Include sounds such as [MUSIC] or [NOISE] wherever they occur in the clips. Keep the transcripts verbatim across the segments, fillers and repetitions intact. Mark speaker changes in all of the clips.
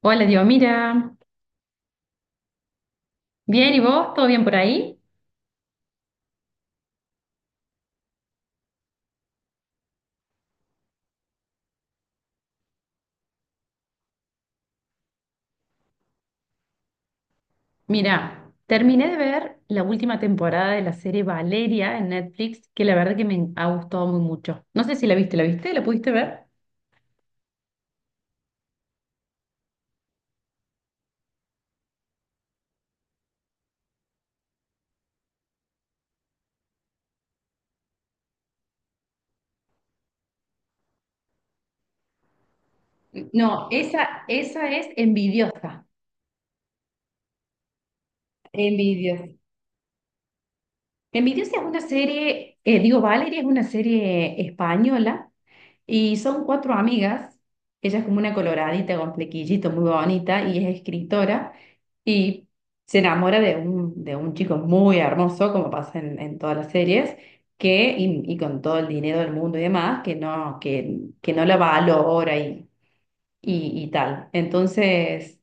Speaker 1: Hola, Dios, mira. Bien, ¿y vos? ¿Todo bien por ahí? Mira, terminé de ver la última temporada de la serie Valeria en Netflix, que la verdad que me ha gustado muy mucho. No sé si la viste, ¿la viste? ¿La pudiste ver? No, esa, esa es envidiosa. Envidiosa. Envidiosa es una serie, eh, digo, Valeria es una serie española y son cuatro amigas. Ella es como una coloradita con flequillito muy bonita y es escritora y se enamora de un, de un chico muy hermoso, como pasa en, en todas las series, que, y, y con todo el dinero del mundo y demás, que no, que, que no la valora y, y, y tal. Entonces,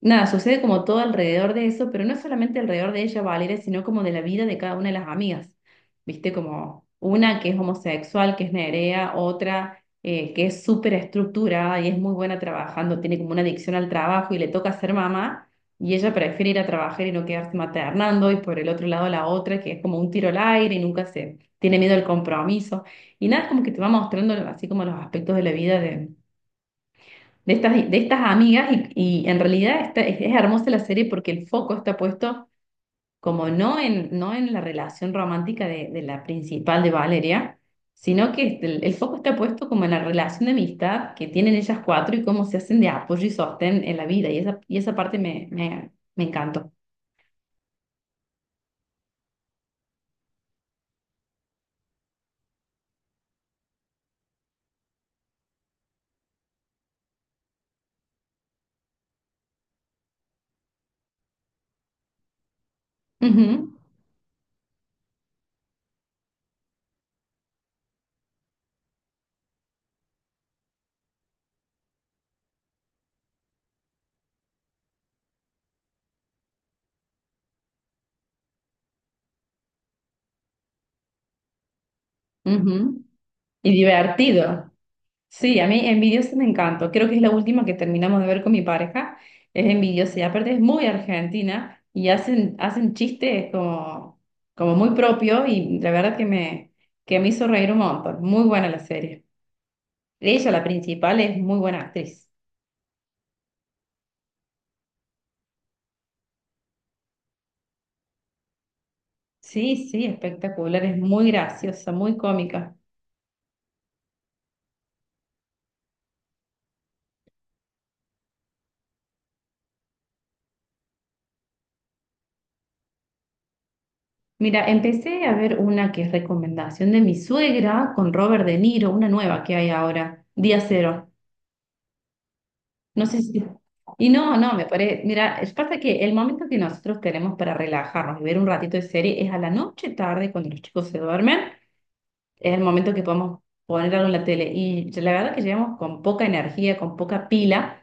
Speaker 1: nada, sucede como todo alrededor de eso, pero no solamente alrededor de ella, Valeria, sino como de la vida de cada una de las amigas. Viste, como una que es homosexual, que es Nerea, otra eh, que es súper estructurada y es muy buena trabajando, tiene como una adicción al trabajo y le toca ser mamá, y ella prefiere ir a trabajar y no quedarse maternando, y por el otro lado la otra que es como un tiro al aire y nunca se tiene miedo al compromiso. Y nada, es como que te va mostrando así como los aspectos de la vida de estas, de estas amigas y, y en realidad está, es, es hermosa la serie porque el foco está puesto como no en, no en la relación romántica de, de la principal de Valeria, sino que este, el, el foco está puesto como en la relación de amistad que tienen ellas cuatro y cómo se hacen de apoyo y sostén en la vida y esa, y esa parte me, me, me encantó. Ujú. Ujú. Y divertido. Sí, a mí Envidiosa me encanta. Creo que es la última que terminamos de ver con mi pareja. Es Envidiosa y aparte es muy argentina y hacen, hacen chistes como, como muy propio y la verdad que me, que me hizo reír un montón. Muy buena la serie. Ella, la principal, es muy buena actriz. Sí, sí, espectacular. Es muy graciosa, muy cómica. Mira, empecé a ver una que es recomendación de mi suegra con Robert De Niro, una nueva que hay ahora, Día Cero. No sé si... Y no, no, me parece... Mira, es pasa que el momento que nosotros tenemos para relajarnos y ver un ratito de serie es a la noche tarde, cuando los chicos se duermen, es el momento que podemos poner algo en la tele. Y la verdad que llegamos con poca energía, con poca pila,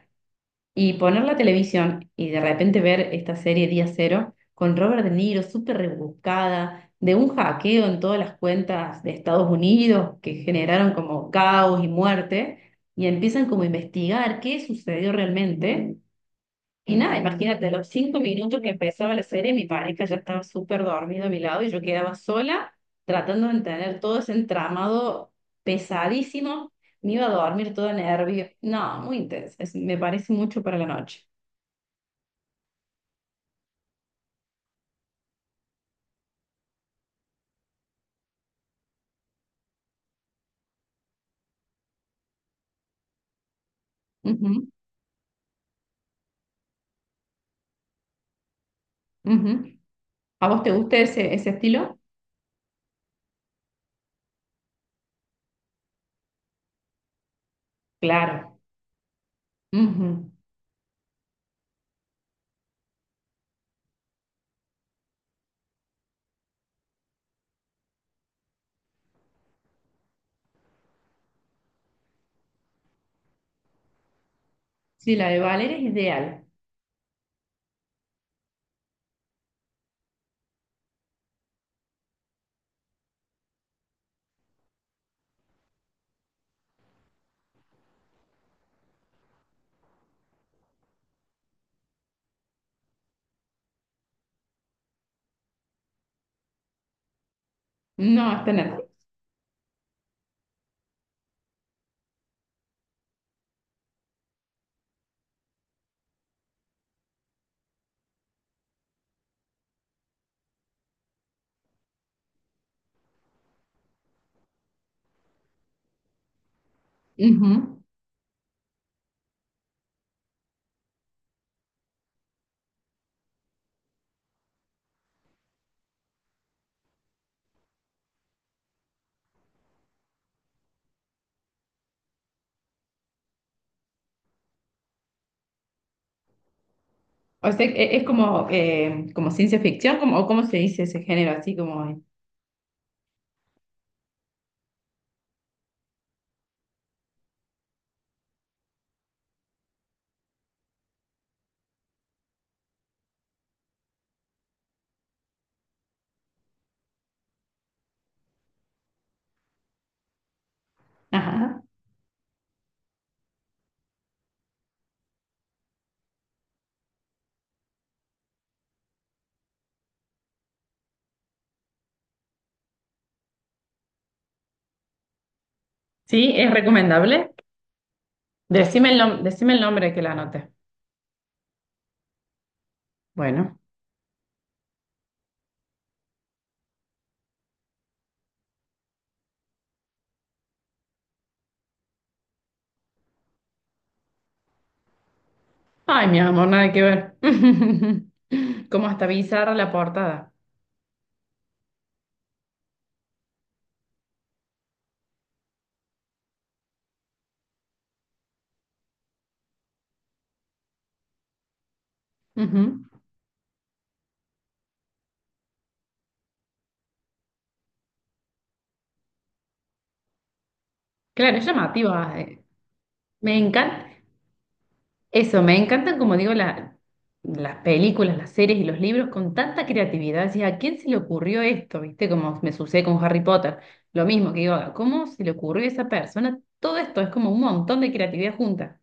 Speaker 1: y poner la televisión y de repente ver esta serie Día Cero con Robert De Niro, súper rebuscada, de un hackeo en todas las cuentas de Estados Unidos que generaron como caos y muerte y empiezan como a investigar qué sucedió realmente. Y nada, imagínate, a los cinco minutos que empezaba la serie, mi pareja ya estaba súper dormido a mi lado y yo quedaba sola tratando de entender todo ese entramado pesadísimo. Me iba a dormir toda nervio. No, muy intenso. Es- me parece mucho para la noche. Ujú, ujú. ¿A vos te gusta ese, ese estilo? Claro. Ujú. Sí, la de Valeria es ideal. No, está en Netflix. Ujú. O sea, e- es como, eh, como ciencia ficción, como, o cómo se dice ese género, así como... Ajá. Sí, es recomendable. Decime el, nom- decime el nombre que la anote. Bueno. Ay, mi amor, nada que ver. [LAUGHS] Como hasta bizarra la portada. Ujú. Claro, es llamativa. Eh. Me encanta. Eso, me encantan, como digo, la- las películas, las series y los libros con tanta creatividad. Decís, ¿a quién se le ocurrió esto? ¿Viste? Como me sucede con Harry Potter. Lo mismo que digo, ¿cómo se le ocurrió a esa persona? Todo esto es como un montón de creatividad junta.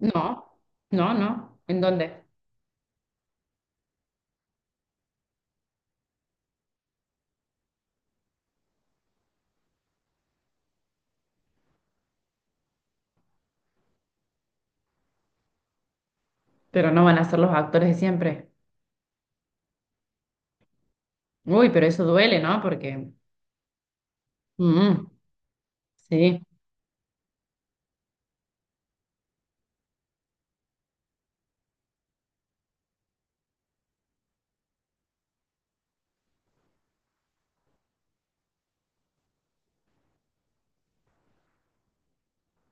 Speaker 1: No, no, no. ¿En dónde? Pero no van a ser los actores de siempre. Uy, pero eso duele, ¿no? Porque... Mm, sí.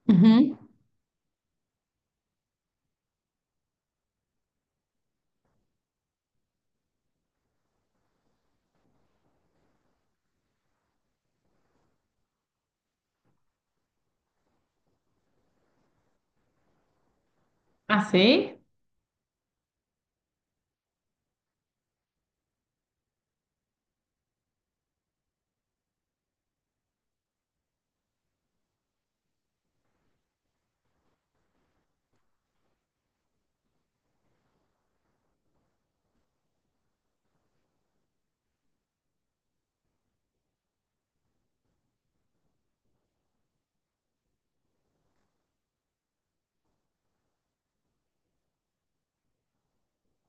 Speaker 1: Ujú. ¿Ah, sí?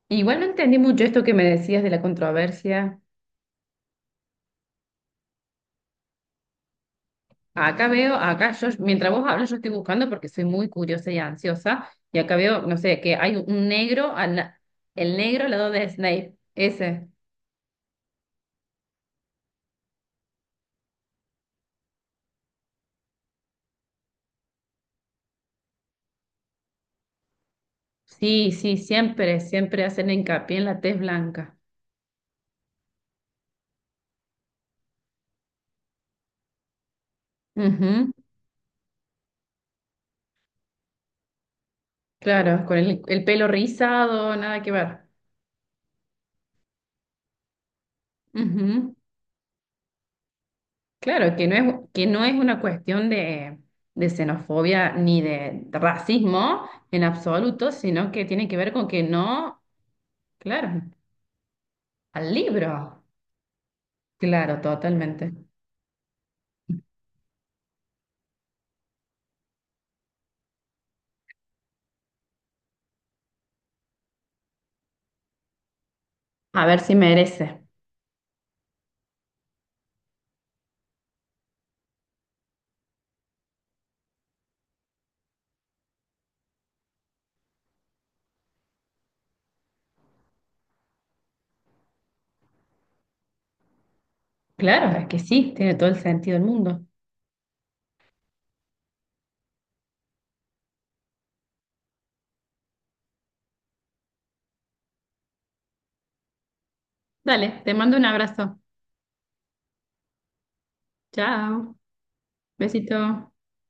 Speaker 1: Igual no entendí mucho esto que me decías de la controversia. Acá veo, acá yo, mientras vos hablas, yo estoy buscando porque soy muy curiosa y ansiosa. Y acá veo, no sé, que hay un negro, al la- el negro al lado de Snape. Ese. Sí, sí, siempre, siempre hacen hincapié en la tez blanca. Ujú. Claro, con el, el pelo rizado, nada que ver. Ujú. Claro, que no es, que no es una cuestión de, de xenofobia ni de racismo en absoluto, sino que tiene que ver con que no, claro, al libro. Claro, totalmente. A ver si merece. Claro, es que sí, tiene todo el sentido del mundo. Dale, te mando un abrazo. Chao, besito.